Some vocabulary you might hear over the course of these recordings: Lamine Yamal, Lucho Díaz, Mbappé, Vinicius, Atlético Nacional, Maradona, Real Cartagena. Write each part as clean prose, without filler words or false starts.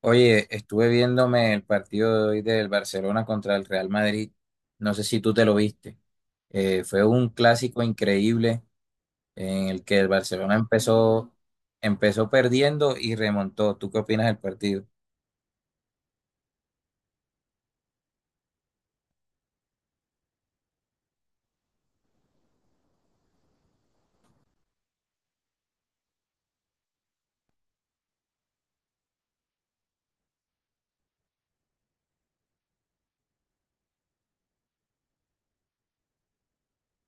Oye, estuve viéndome el partido de hoy del Barcelona contra el Real Madrid. No sé si tú te lo viste. Fue un clásico increíble en el que el Barcelona empezó perdiendo y remontó. ¿Tú qué opinas del partido?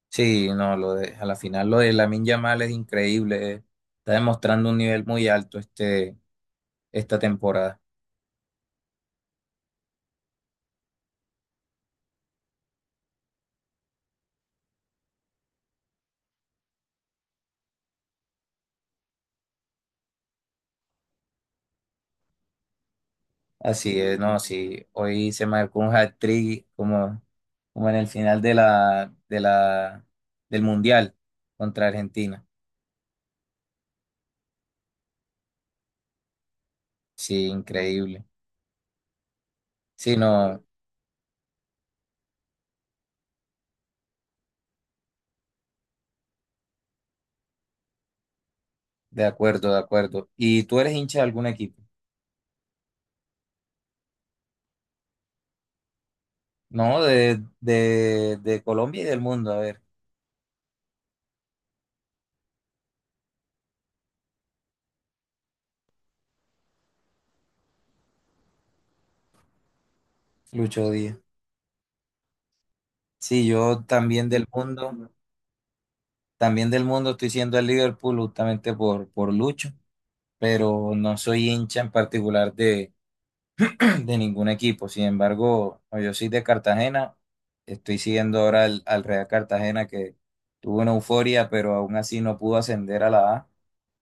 Sí, no, a la final lo de Lamine Yamal es increíble. Está demostrando un nivel muy alto esta temporada. Así es, no, sí, hoy se marcó un hat-trick como, como en el final de del Mundial contra Argentina. Sí, increíble. Sí, no, de acuerdo, de acuerdo. ¿Y tú eres hincha de algún equipo? No, de Colombia y del mundo, a ver, Lucho Díaz. Sí, yo también del mundo estoy siendo el Liverpool justamente por Lucho, pero no soy hincha en particular de ningún equipo. Sin embargo, no, yo soy de Cartagena. Estoy siguiendo ahora al Real Cartagena que tuvo una euforia, pero aún así no pudo ascender a la A.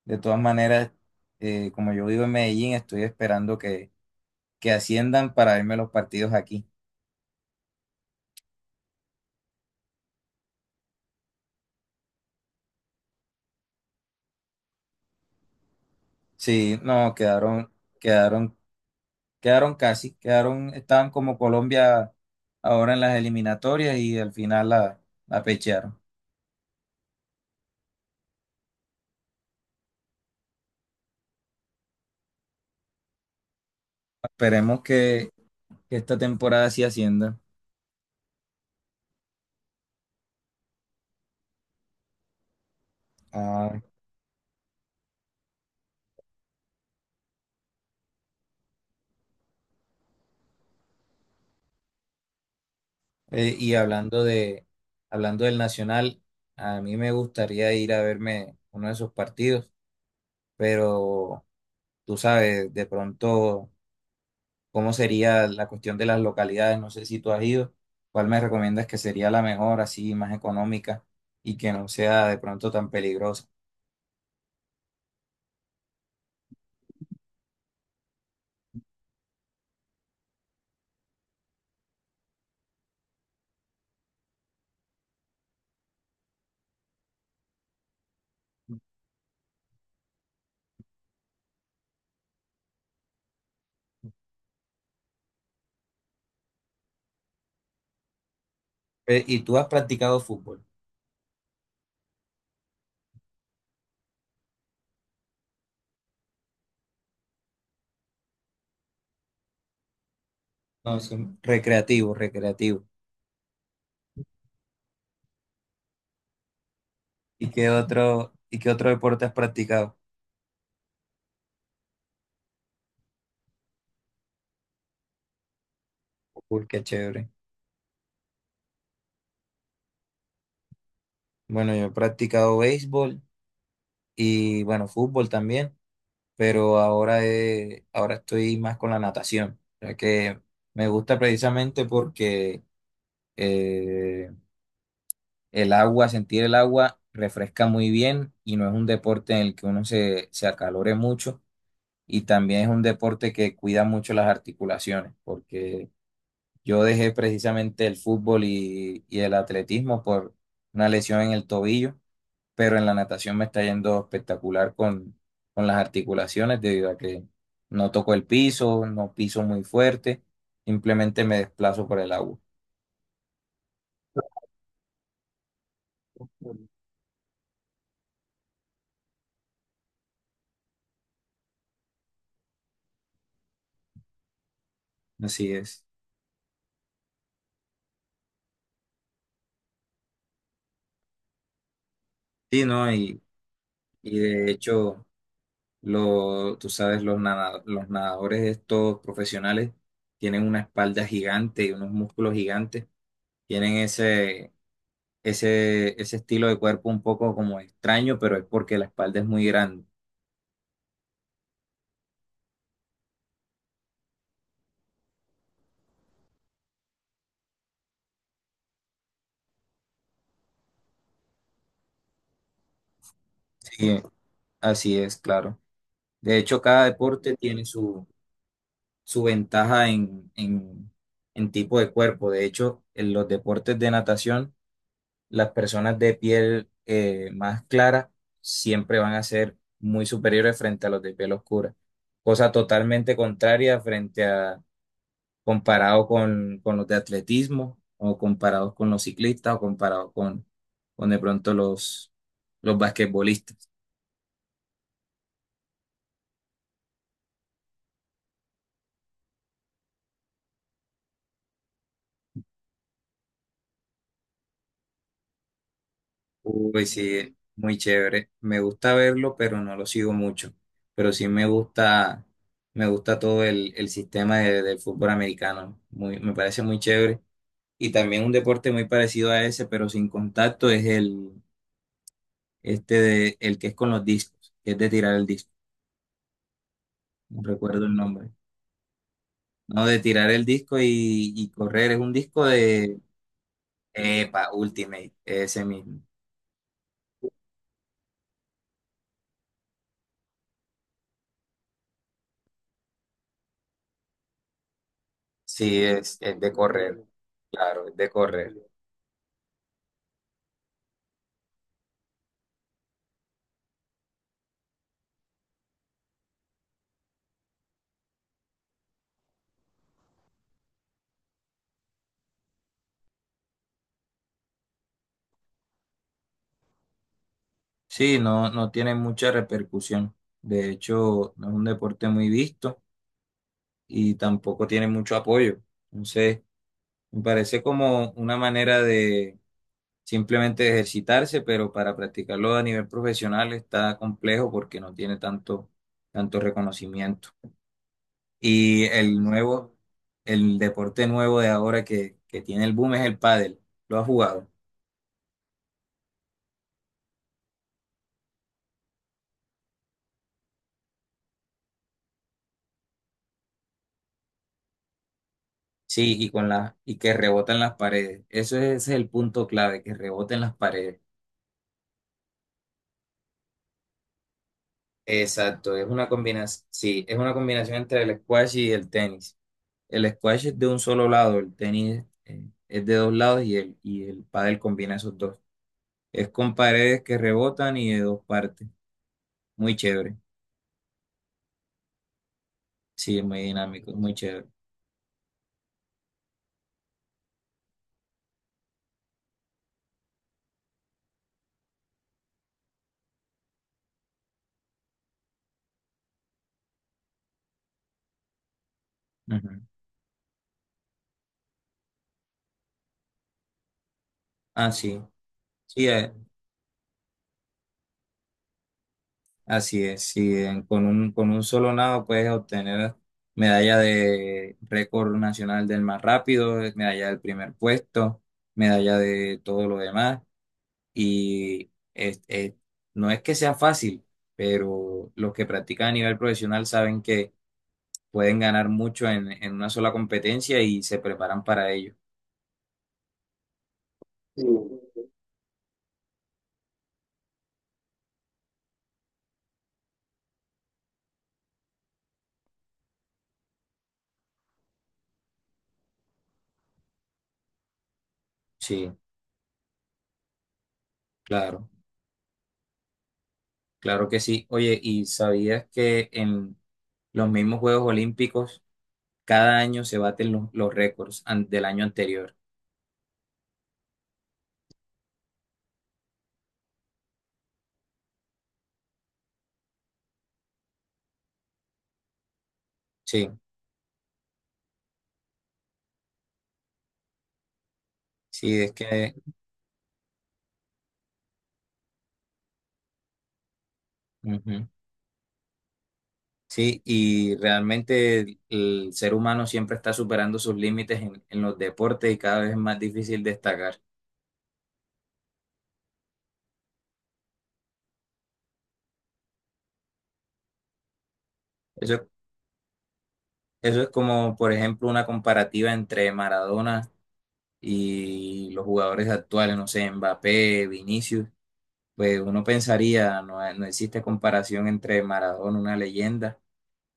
De todas maneras, como yo vivo en Medellín, estoy esperando que asciendan para verme los partidos aquí. Sí, no, quedaron, quedaron casi, quedaron, estaban como Colombia ahora en las eliminatorias y al final la pechearon. Esperemos que esta temporada sí ascienda. Ah. Y hablando del Nacional, a mí me gustaría ir a verme uno de esos partidos, pero tú sabes de pronto cómo sería la cuestión de las localidades, no sé si tú has ido, cuál me recomiendas que sería la mejor, así más económica y que no sea de pronto tan peligrosa. ¿Y tú has practicado fútbol? No, son recreativo, recreativo. ¿Y qué otro deporte has practicado? Uy, qué chévere. Bueno, yo he practicado béisbol y bueno, fútbol también, pero ahora, ahora estoy más con la natación, ya que me gusta precisamente porque eh, el agua, sentir el agua refresca muy bien y no es un deporte en el que uno se acalore mucho y también es un deporte que cuida mucho las articulaciones, porque yo dejé precisamente el fútbol y el atletismo por una lesión en el tobillo, pero en la natación me está yendo espectacular con las articulaciones debido a que no toco el piso, no piso muy fuerte, simplemente me desplazo por el agua. Así es. Sí, ¿no? Y de hecho, tú sabes, los, nada- los nadadores estos profesionales tienen una espalda gigante y unos músculos gigantes, tienen ese estilo de cuerpo un poco como extraño, pero es porque la espalda es muy grande. Sí, así es, claro. De hecho, cada deporte tiene su ventaja en tipo de cuerpo. De hecho, en los deportes de natación, las personas de piel más clara siempre van a ser muy superiores frente a los de piel oscura. Cosa totalmente contraria frente a comparado con los de atletismo o comparados con los ciclistas o comparados con de pronto los basquetbolistas. Uy, sí, muy chévere. Me gusta verlo, pero no lo sigo mucho. Pero sí me gusta todo el del fútbol americano. Me parece muy chévere. Y también un deporte muy parecido a ese, pero sin contacto, es el que es con los discos, que es de tirar el disco. No recuerdo el nombre. No, de tirar el disco y correr. Es un disco de, epa, Ultimate, ese mismo. Sí, es de correr. Claro, es de correr. Sí, no, no tiene mucha repercusión. De hecho, no es un deporte muy visto y tampoco tiene mucho apoyo. Entonces, me parece como una manera de simplemente ejercitarse, pero para practicarlo a nivel profesional está complejo porque no tiene tanto reconocimiento. Y el nuevo, el deporte nuevo de ahora que tiene el boom es el pádel. ¿Lo has jugado? Sí, y que rebotan las paredes. Eso es, ese es el punto clave, que reboten las paredes. Exacto, es una combinación, sí, es una combinación entre el squash y el tenis. El squash es de un solo lado, el tenis es de dos lados y el pádel combina esos dos. Es con paredes que rebotan y de dos partes. Muy chévere. Sí, es muy dinámico, es muy chévere. Ujú. Ah, sí, sí, así es. Sí, con con un solo nado puedes obtener medalla de récord nacional del más rápido, medalla del primer puesto, medalla de todo lo demás. y es- es- no es que sea fácil, pero los que practican a nivel profesional saben que pueden ganar mucho en una sola competencia y se preparan para ello. Sí, claro, claro que sí. Oye, ¿y sabías que en los mismos Juegos Olímpicos cada año se baten los del año anterior? Sí, sí, ujú. Sí, y realmente el ser humano siempre está superando sus límites en los deportes y cada vez es más difícil destacar. Eso, eso es como, por ejemplo, una comparativa entre Maradona y los jugadores actuales, no sé, Mbappé, Vinicius. Pues uno pensaría, no, no existe comparación entre Maradona, una leyenda,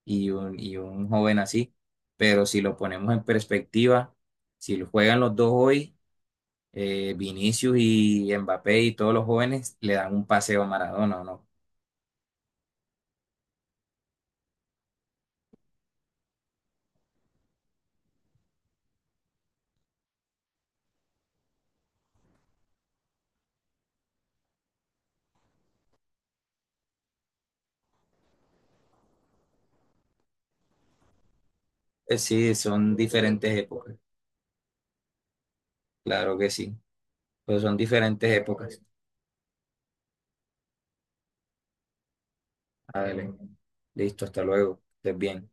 y un joven así. Pero si lo ponemos en perspectiva, si lo juegan los dos hoy, Vinicius y Mbappé y todos los jóvenes le dan un paseo a Maradona, ¿o ¿no? Sí, son diferentes épocas, claro que sí, pero son diferentes épocas. Dale. Listo, hasta luego, estés bien.